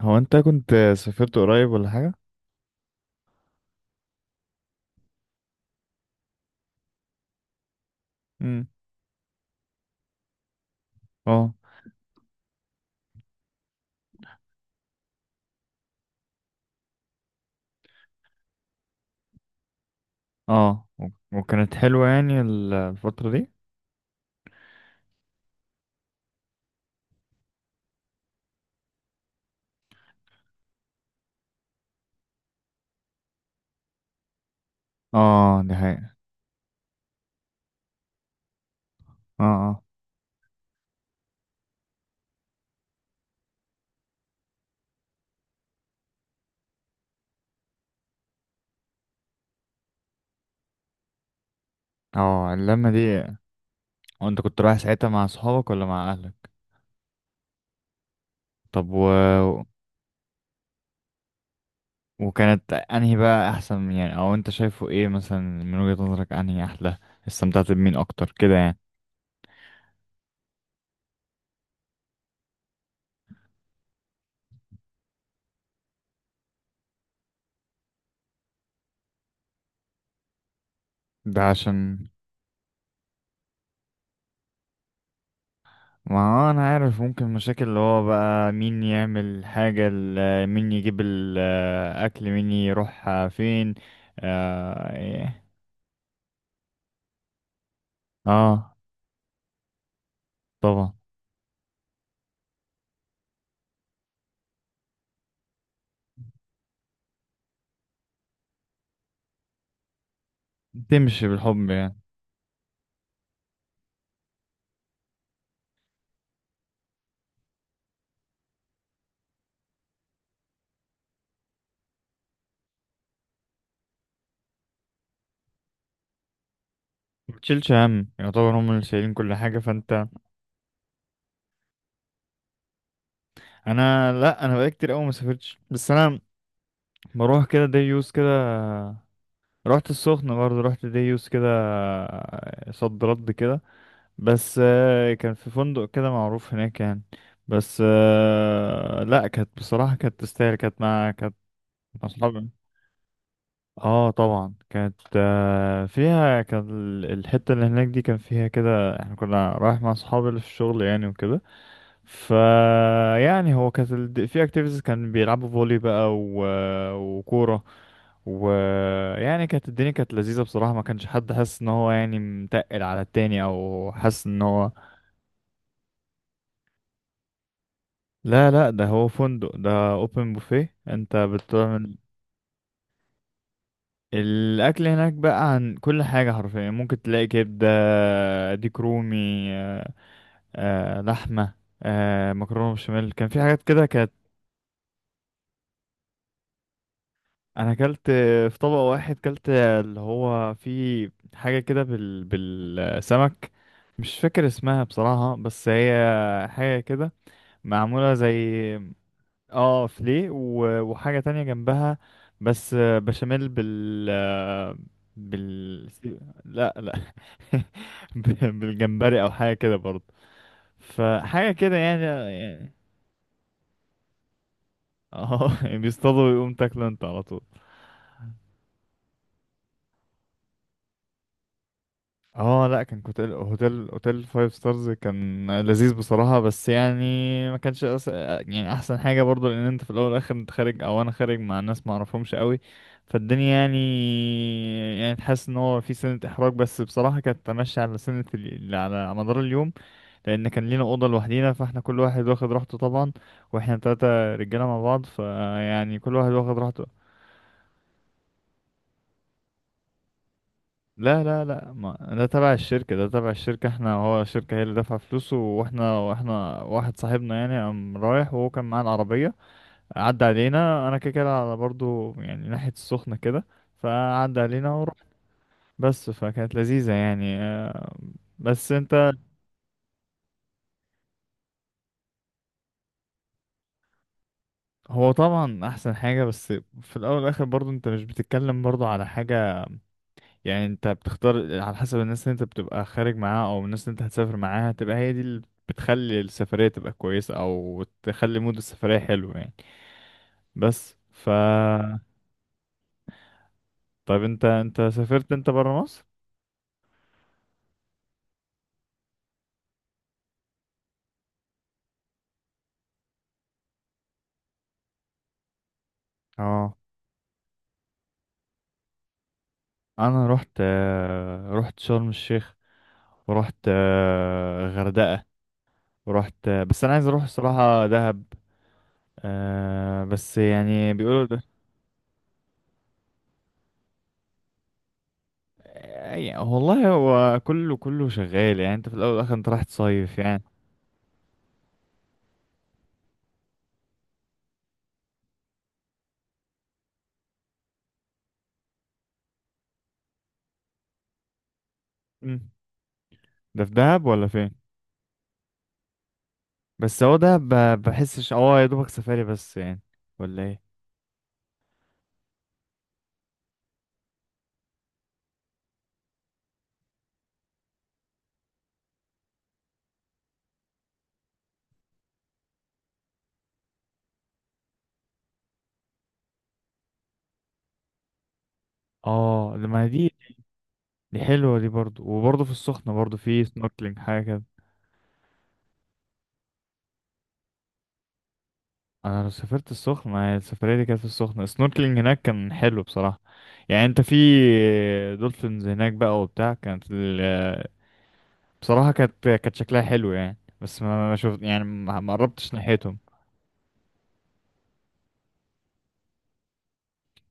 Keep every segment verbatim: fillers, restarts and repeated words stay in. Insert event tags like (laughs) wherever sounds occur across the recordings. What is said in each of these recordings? هو انت كنت سافرت قريب ولا حاجة؟ امم. اه. اه و- وكانت حلوة يعني ال- الفترة دي؟ اه، دي حقيقة. اه، اه. اه، اللمة دي. وانت كنت رايح ساعتها مع صحابك ولا مع اهلك؟ طب و... وكانت انهي بقى احسن يعني، او انت شايفه ايه مثلا من وجهة نظرك انهي احلى؟ استمتعت بمين اكتر كده يعني. ده عشان. ما انا عارف، ممكن مشاكل اللي هو بقى مين يعمل حاجة، ال- مين يجيب الاكل، مين يروح فين. اه، إيه. آه، طبعا. تمشي بالحب يعني. متشيلش هم، يعتبر هم اللي شايلين كل حاجة فانت. انا، لا، انا بقالي كتير قوي ما سافرتش، بس انا بروح كده ديوس كده. رحت السخنة برضه، رحت ديوس كده، صد رد كده. بس آه، كان في فندق كده معروف هناك يعني. بس آه، لا، كانت بصراحة كانت تستاهل، كانت مع كانت مع أصحابي. اه طبعا كانت، آه، فيها كان ال- الحتة اللي هناك دي كان فيها كده، احنا كنا رايح مع أصحابي اللي في الشغل يعني وكده. ف يعني هو كانت ال- في اكتيفيتيز، كان بيلعبوا فولي بقى و... وكورة. ويعني كانت الدنيا كانت لذيذة بصراحة، ما كانش حد حاسس ان هو يعني متقل على التاني، او حاسس ان هو. لا لا، ده هو فندق، ده اوبن بوفيه، انت بتعمل. الاكل هناك بقى عن كل حاجه حرفيا، ممكن تلاقي كبده، ديك رومي، آه، آه، لحمه، آه، مكرونه بشاميل، كان في حاجات كده كانت. انا اكلت في طبق واحد، اكلت اللي هو في حاجه كده بال بالسمك، مش فاكر اسمها بصراحه، بس هي حاجه كده معموله زي. اه فلي و- وحاجة تانية جنبها، بس آه، بشاميل بال، آه، بال. لا لا (laughs) ب- بالجمبري او حاجة كده برضه، فحاجة كده يعني يعني. اه (laughs) بيصطادوا ويقوم تاكله انت على طول. اه لا، كان هوتيل، هوتيل هوتيل فايف ستارز، كان لذيذ بصراحة بس يعني ما كانش أس... يعني احسن حاجة برضو، لان انت في الاول والاخر انت خارج، او انا خارج مع ناس ما اعرفهمش قوي. فالدنيا يعني، يعني تحس ان هو في سنة احراج، بس بصراحة كانت تمشي على سنة ال... على مدار اليوم. لان كان لينا اوضة لوحدينا، فاحنا كل واحد واخد راحته طبعا، واحنا تلاتة رجالة مع بعض، فيعني كل واحد واخد راحته. لا لا لا، ما ده تبع الشركة، ده تبع الشركة، احنا هو الشركة هي اللي دافعة فلوسه، واحنا واحنا واحد صاحبنا يعني قام رايح، وهو كان معاه العربية، عدى علينا، انا كده كده على برضو يعني ناحية السخنة كده، فعدى علينا ورحت. بس فكانت لذيذة يعني آه، بس انت. هو طبعا احسن حاجة، بس في الاول والاخر برضو انت مش بتتكلم برضو على حاجة، يعني انت بتختار على حسب الناس اللي انت بتبقى خارج معاها، او الناس اللي انت هتسافر معاها، تبقى هي دي اللي بتخلي السفرية تبقى كويسة، او تخلي مود السفرية حلو يعني. بس ف. طيب انت، انت سافرت انت برا مصر؟ اه، انا رحت، آه، رحت شرم الشيخ، ورحت آه، غردقة، ورحت آه، بس انا عايز اروح الصراحة دهب. آه، بس يعني بيقولوا ده. يعني والله هو كله كله شغال، يعني انت في الاول والاخر انت رايح تصيف يعني. ده في دهب ولا فين؟ بس هو دهب ب- بحسش اه يا دوبك سفاري بس يعني، ولا ايه. اه لما دي، دي حلوه دي برضو، وبرضو في السخنه برضو في سنوركلينج حاجه كده. انا لو سافرت السخنه، ما هي السفريه دي كانت في السخنه، السنوركلينج هناك كان حلو بصراحه يعني، انت في دولفينز هناك بقى وبتاع، كانت ال... بصراحه كانت كانت شكلها حلو يعني، بس ما ما شفت يعني ما ما قربتش ناحيتهم.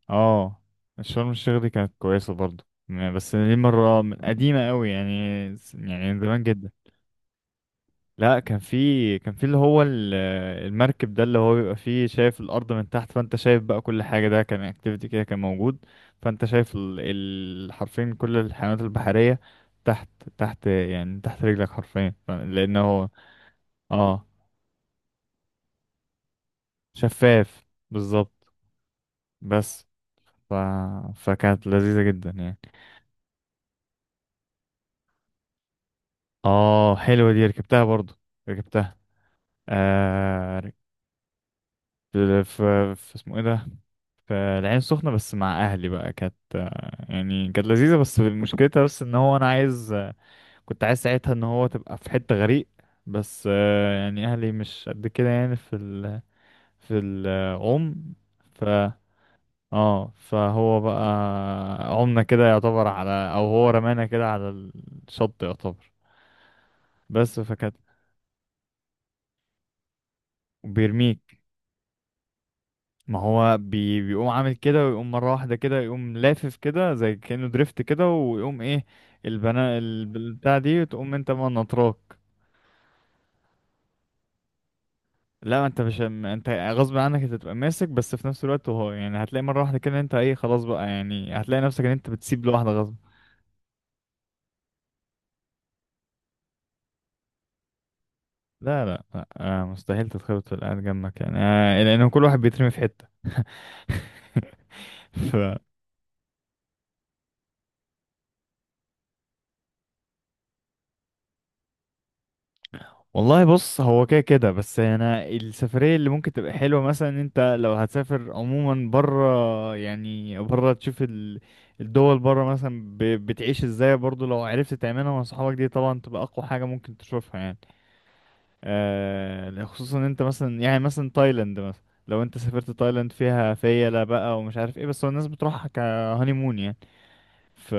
اه، شرم الشيخ دي كانت كويسة برضو يعني، بس دي مرة من قديمة قوي يعني، س- يعني من زمان جدا. لا، كان في، كان في اللي هو ال- المركب ده اللي هو بيبقى فيه، شايف الأرض من تحت، فأنت شايف بقى كل حاجة، ده كان اكتيفيتي كده كان موجود. فأنت شايف ال- ال- حرفيا كل الحيوانات البحرية تحت، تحت يعني تحت رجلك حرفيا، ف- لأنه هو. اه شفاف بالظبط. بس ف. فكانت لذيذة جدا يعني. اه حلوة دي، ركبتها برضو، ركبتها. آه. في, في اسمه ايه ده؟ في العين السخنة بس مع اهلي بقى، كانت آه، يعني كانت لذيذة، بس مشكلتها بس ان هو انا عايز، آه، كنت عايز ساعتها ان هو تبقى في حتة غريق، بس آه يعني اهلي مش قد كده يعني في ال في العوم. ف. اه فهو بقى، عمنا كده يعتبر على، او هو رمانا كده على الشط يعتبر. بس فكانت. وبيرميك. ما هو بي... بيقوم عامل كده ويقوم مرة واحدة كده، يقوم لافف كده زي كأنه دريفت كده، ويقوم ايه، البنا ال- البتاع دي، تقوم انت ما نطراك. لا، انت مش م- انت غصب عنك انت تبقى ماسك، بس في نفس الوقت هو يعني هتلاقي مرة واحدة كده انت ايه، خلاص بقى، يعني هتلاقي نفسك ان انت بتسيب لوحدة غصب. لا لا، لا. آه مستحيل تتخبط في القعدة جنبك يعني، آه لأن كل واحد بيترمي في حتة (laughs) ف. والله بص، هو كده كده، بس انا السفريه اللي ممكن تبقى حلوه، مثلا إن انت لو هتسافر عموما بره، يعني بره تشوف ال- الدول بره مثلا، ب- بتعيش ازاي، برضو لو عرفت تعملها مع صحابك دي، طبعا تبقى اقوى حاجه ممكن تشوفها يعني. آه، خصوصا ان انت مثلا يعني مثلا تايلاند، مثلا لو انت سافرت تايلاند فيها فيلا بقى، ومش عارف ايه، بس هو الناس بتروحها كهانيمون يعني. ف.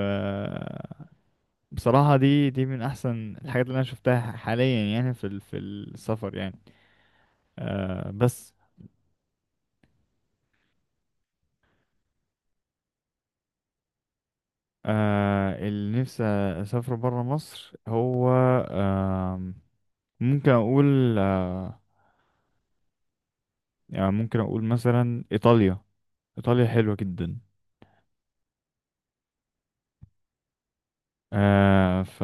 بصراحه دي دي من احسن الحاجات اللي انا شفتها حاليا يعني في ال- في السفر يعني. آه بس. آه اللي نفسي أسافر برا مصر هو، آه، ممكن أقول آه، يعني ممكن أقول مثلا إيطاليا. إيطاليا حلوة جدا. آه ف.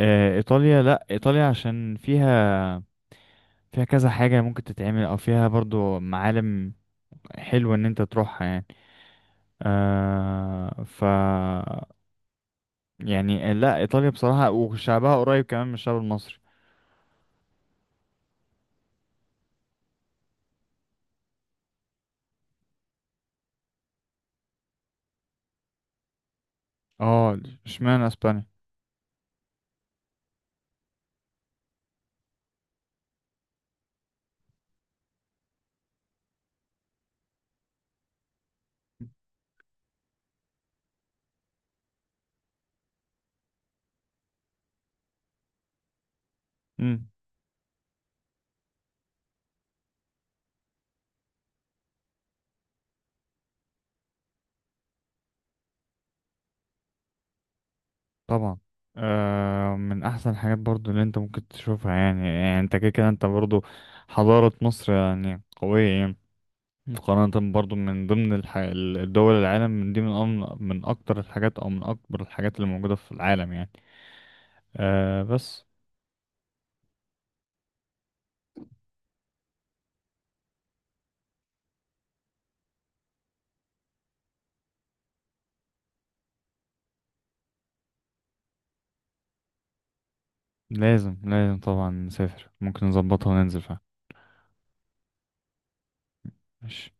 آه إيطاليا، لأ إيطاليا عشان فيها، فيها كذا حاجة ممكن تتعمل، أو فيها برضو معالم حلوة إن أنت تروحها يعني. آه ف، يعني لأ إيطاليا بصراحة، وشعبها قريب كمان من الشعب المصري. اه اشمعنى اسبانيا. مم. طبعا. آه من احسن الحاجات برضو اللي انت ممكن تشوفها يعني، يعني انت كده كده انت برضو حضارة مصر يعني قوية يعني، مقارنة برضو من ضمن الح... الدول العالم من دي، من أم... من اكتر الحاجات او من اكبر الحاجات اللي موجودة في العالم يعني. آه بس. لازم لازم طبعا نسافر، ممكن نظبطها وننزل فيها. ماشي.